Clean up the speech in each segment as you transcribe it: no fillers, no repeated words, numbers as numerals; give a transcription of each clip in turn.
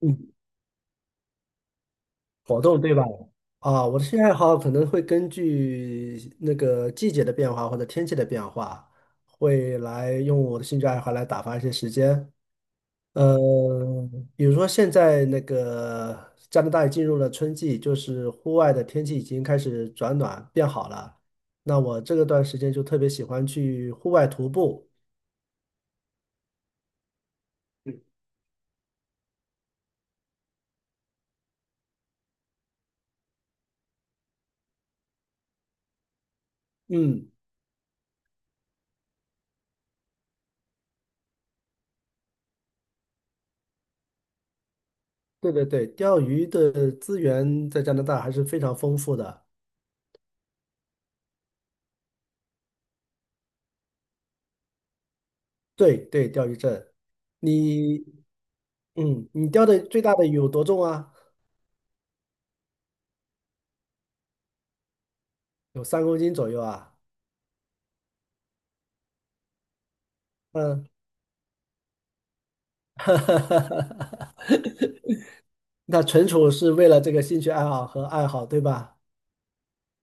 嗯，活动对吧？啊，我的兴趣爱好可能会根据那个季节的变化或者天气的变化，会来用我的兴趣爱好来打发一些时间。呃，比如说现在那个加拿大也进入了春季，就是户外的天气已经开始转暖变好了。那我这个段时间就特别喜欢去户外徒步。嗯，对对对，钓鱼的资源在加拿大还是非常丰富的。对对，钓鱼证。你你钓的最大的鱼有多重啊？有3公斤左右啊。嗯。那纯属是为了这个兴趣爱好和爱好，对吧？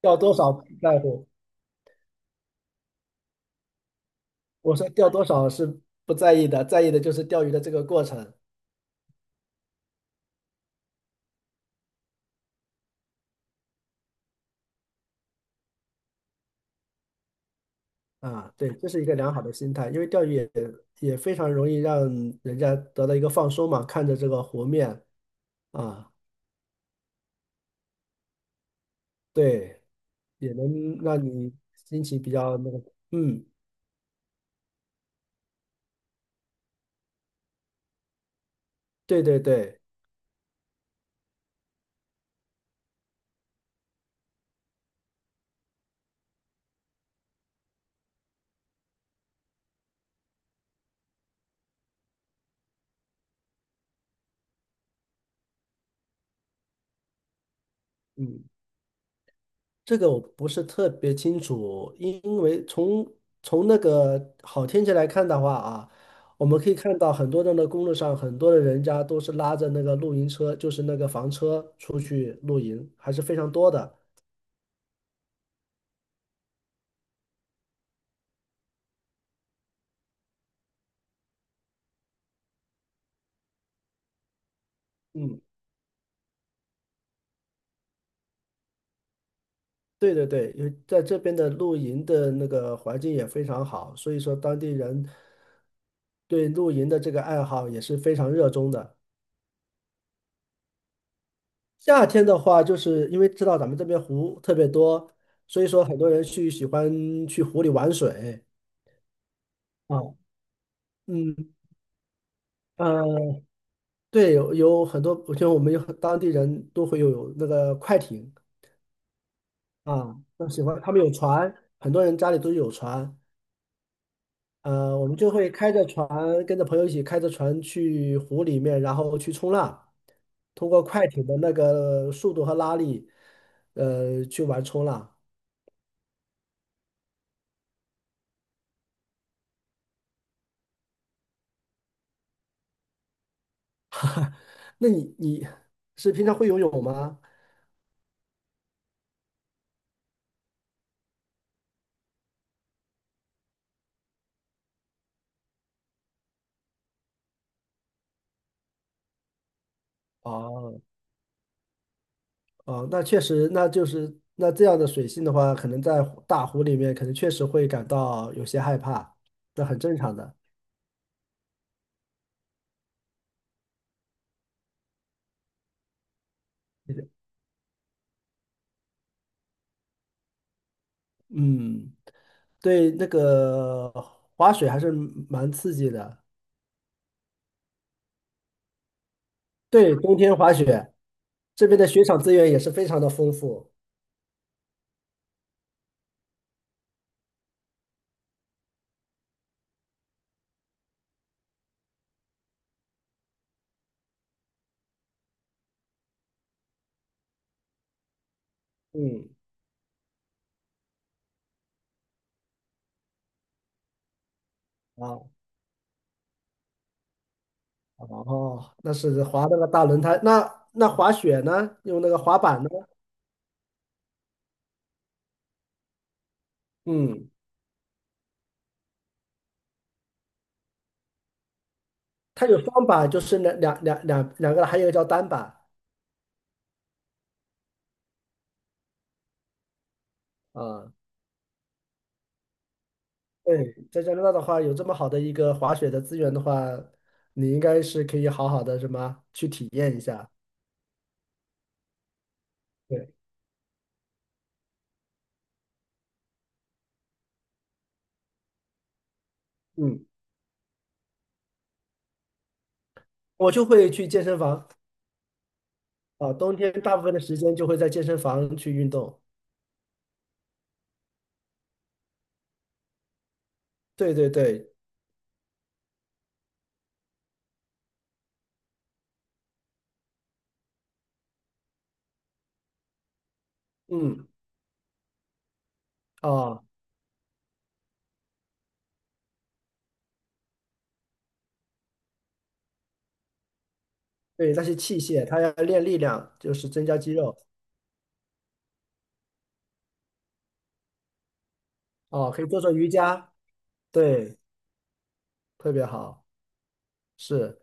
钓多少不在乎。我说钓多少是不在意的，在意的就是钓鱼的这个过程。啊，对，这是一个良好的心态，因为钓鱼也非常容易让人家得到一个放松嘛，看着这个湖面。啊，对，也能让你心情比较那个，嗯。对对对。嗯，这个我不是特别清楚，因为从那个好天气来看的话啊，我们可以看到很多人的那公路上，很多的人家都是拉着那个露营车，就是那个房车出去露营，还是非常多的。嗯，对对对，因为在这边的露营的那个环境也非常好，所以说当地人对露营的这个爱好也是非常热衷的。夏天的话，就是因为知道咱们这边湖特别多，所以说很多人去喜欢去湖里玩水。啊。嗯呃，对，有很多，像我们有很当地人都会有那个快艇。啊，那喜欢他们有船，很多人家里都有船。我们就会开着船，跟着朋友一起开着船去湖里面，然后去冲浪，通过快艇的那个速度和拉力，去玩冲浪。那你是平常会游泳吗？哦。哦，那确实，那就是那这样的水性的话，可能在大湖里面，可能确实会感到有些害怕，那很正常的。嗯，对，那个滑雪还是蛮刺激的。对，冬天滑雪，这边的雪场资源也是非常的丰富。嗯。啊。哦，那是滑那个大轮胎，那滑雪呢？用那个滑板呢？嗯。它有双板，就是两个还有一个叫单板。啊，对，在加拿大的话，有这么好的一个滑雪的资源的话，你应该是可以好好的什么去体验一下。对。嗯，我就会去健身房。啊，冬天大部分的时间就会在健身房去运动。对对对。嗯。啊，对，那些器械，它要练力量，就是增加肌肉。啊，可以做做瑜伽。对，特别好，是。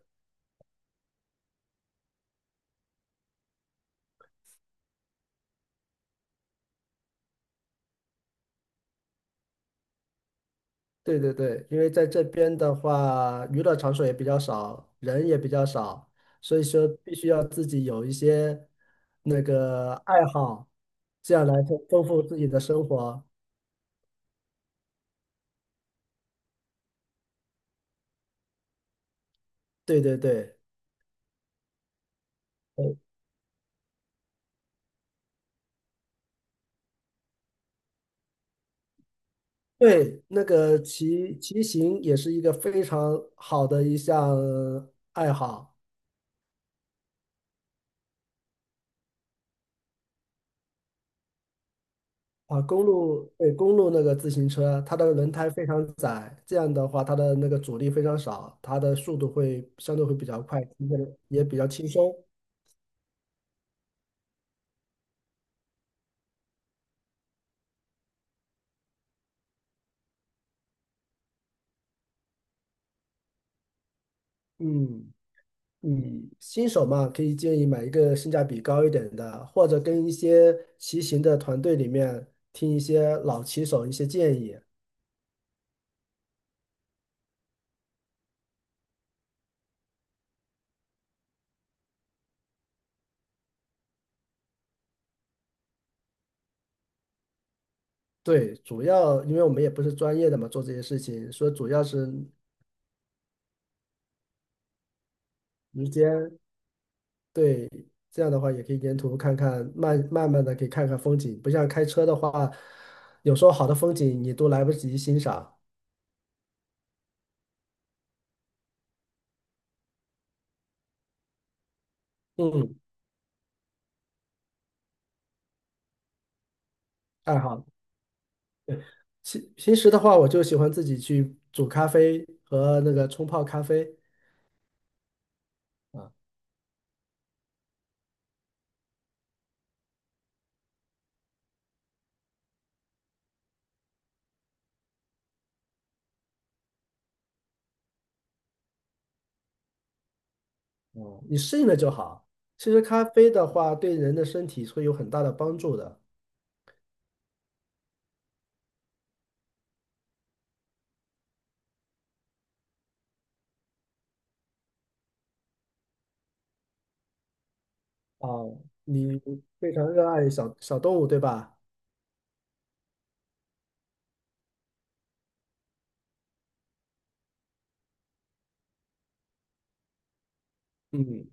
对对对，因为在这边的话，娱乐场所也比较少，人也比较少，所以说必须要自己有一些那个爱好，这样来丰富自己的生活。对对对，呃对，那个骑行也是一个非常好的一项爱好。啊，公路，对，公路那个自行车，它的轮胎非常窄，这样的话它的那个阻力非常少，它的速度会相对会比较快，骑起来也比较轻松。嗯嗯，新手嘛，可以建议买一个性价比高一点的，或者跟一些骑行的团队里面听一些老骑手一些建议。对，主要因为我们也不是专业的嘛，做这些事情，所以主要是时间。对，这样的话也可以沿途看看，慢慢的可以看看风景，不像开车的话，有时候好的风景你都来不及欣赏。嗯，爱好。平时的话，我就喜欢自己去煮咖啡和那个冲泡咖啡。啊。哦，你适应了就好。其实咖啡的话，对人的身体会有很大的帮助的。哦，你非常热爱小小动物，对吧？嗯。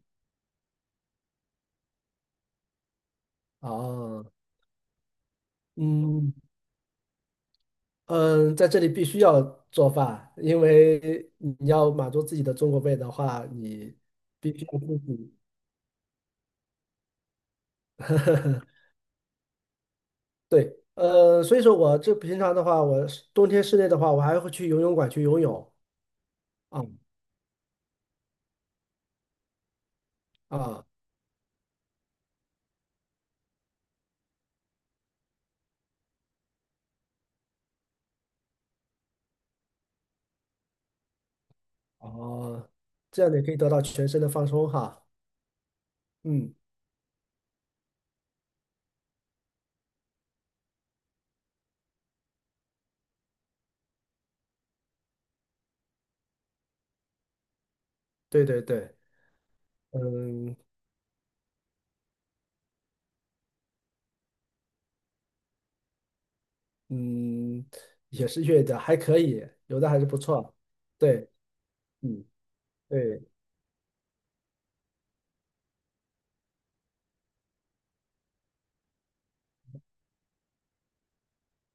哦。嗯嗯，在这里必须要做饭，因为你要满足自己的中国胃的话，你必须要自己。对，所以说我这平常的话，我是冬天室内的话，我还会去游泳馆去游泳啊。啊。哦，这样也可以得到全身的放松哈。嗯，对对对。嗯嗯，也是越的，还可以，有的还是不错。对。嗯，对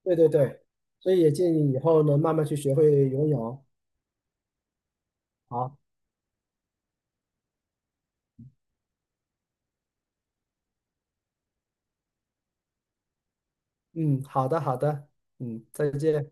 对对对，所以也建议以后呢，慢慢去学会游泳。好。嗯，好的好的。嗯，再见。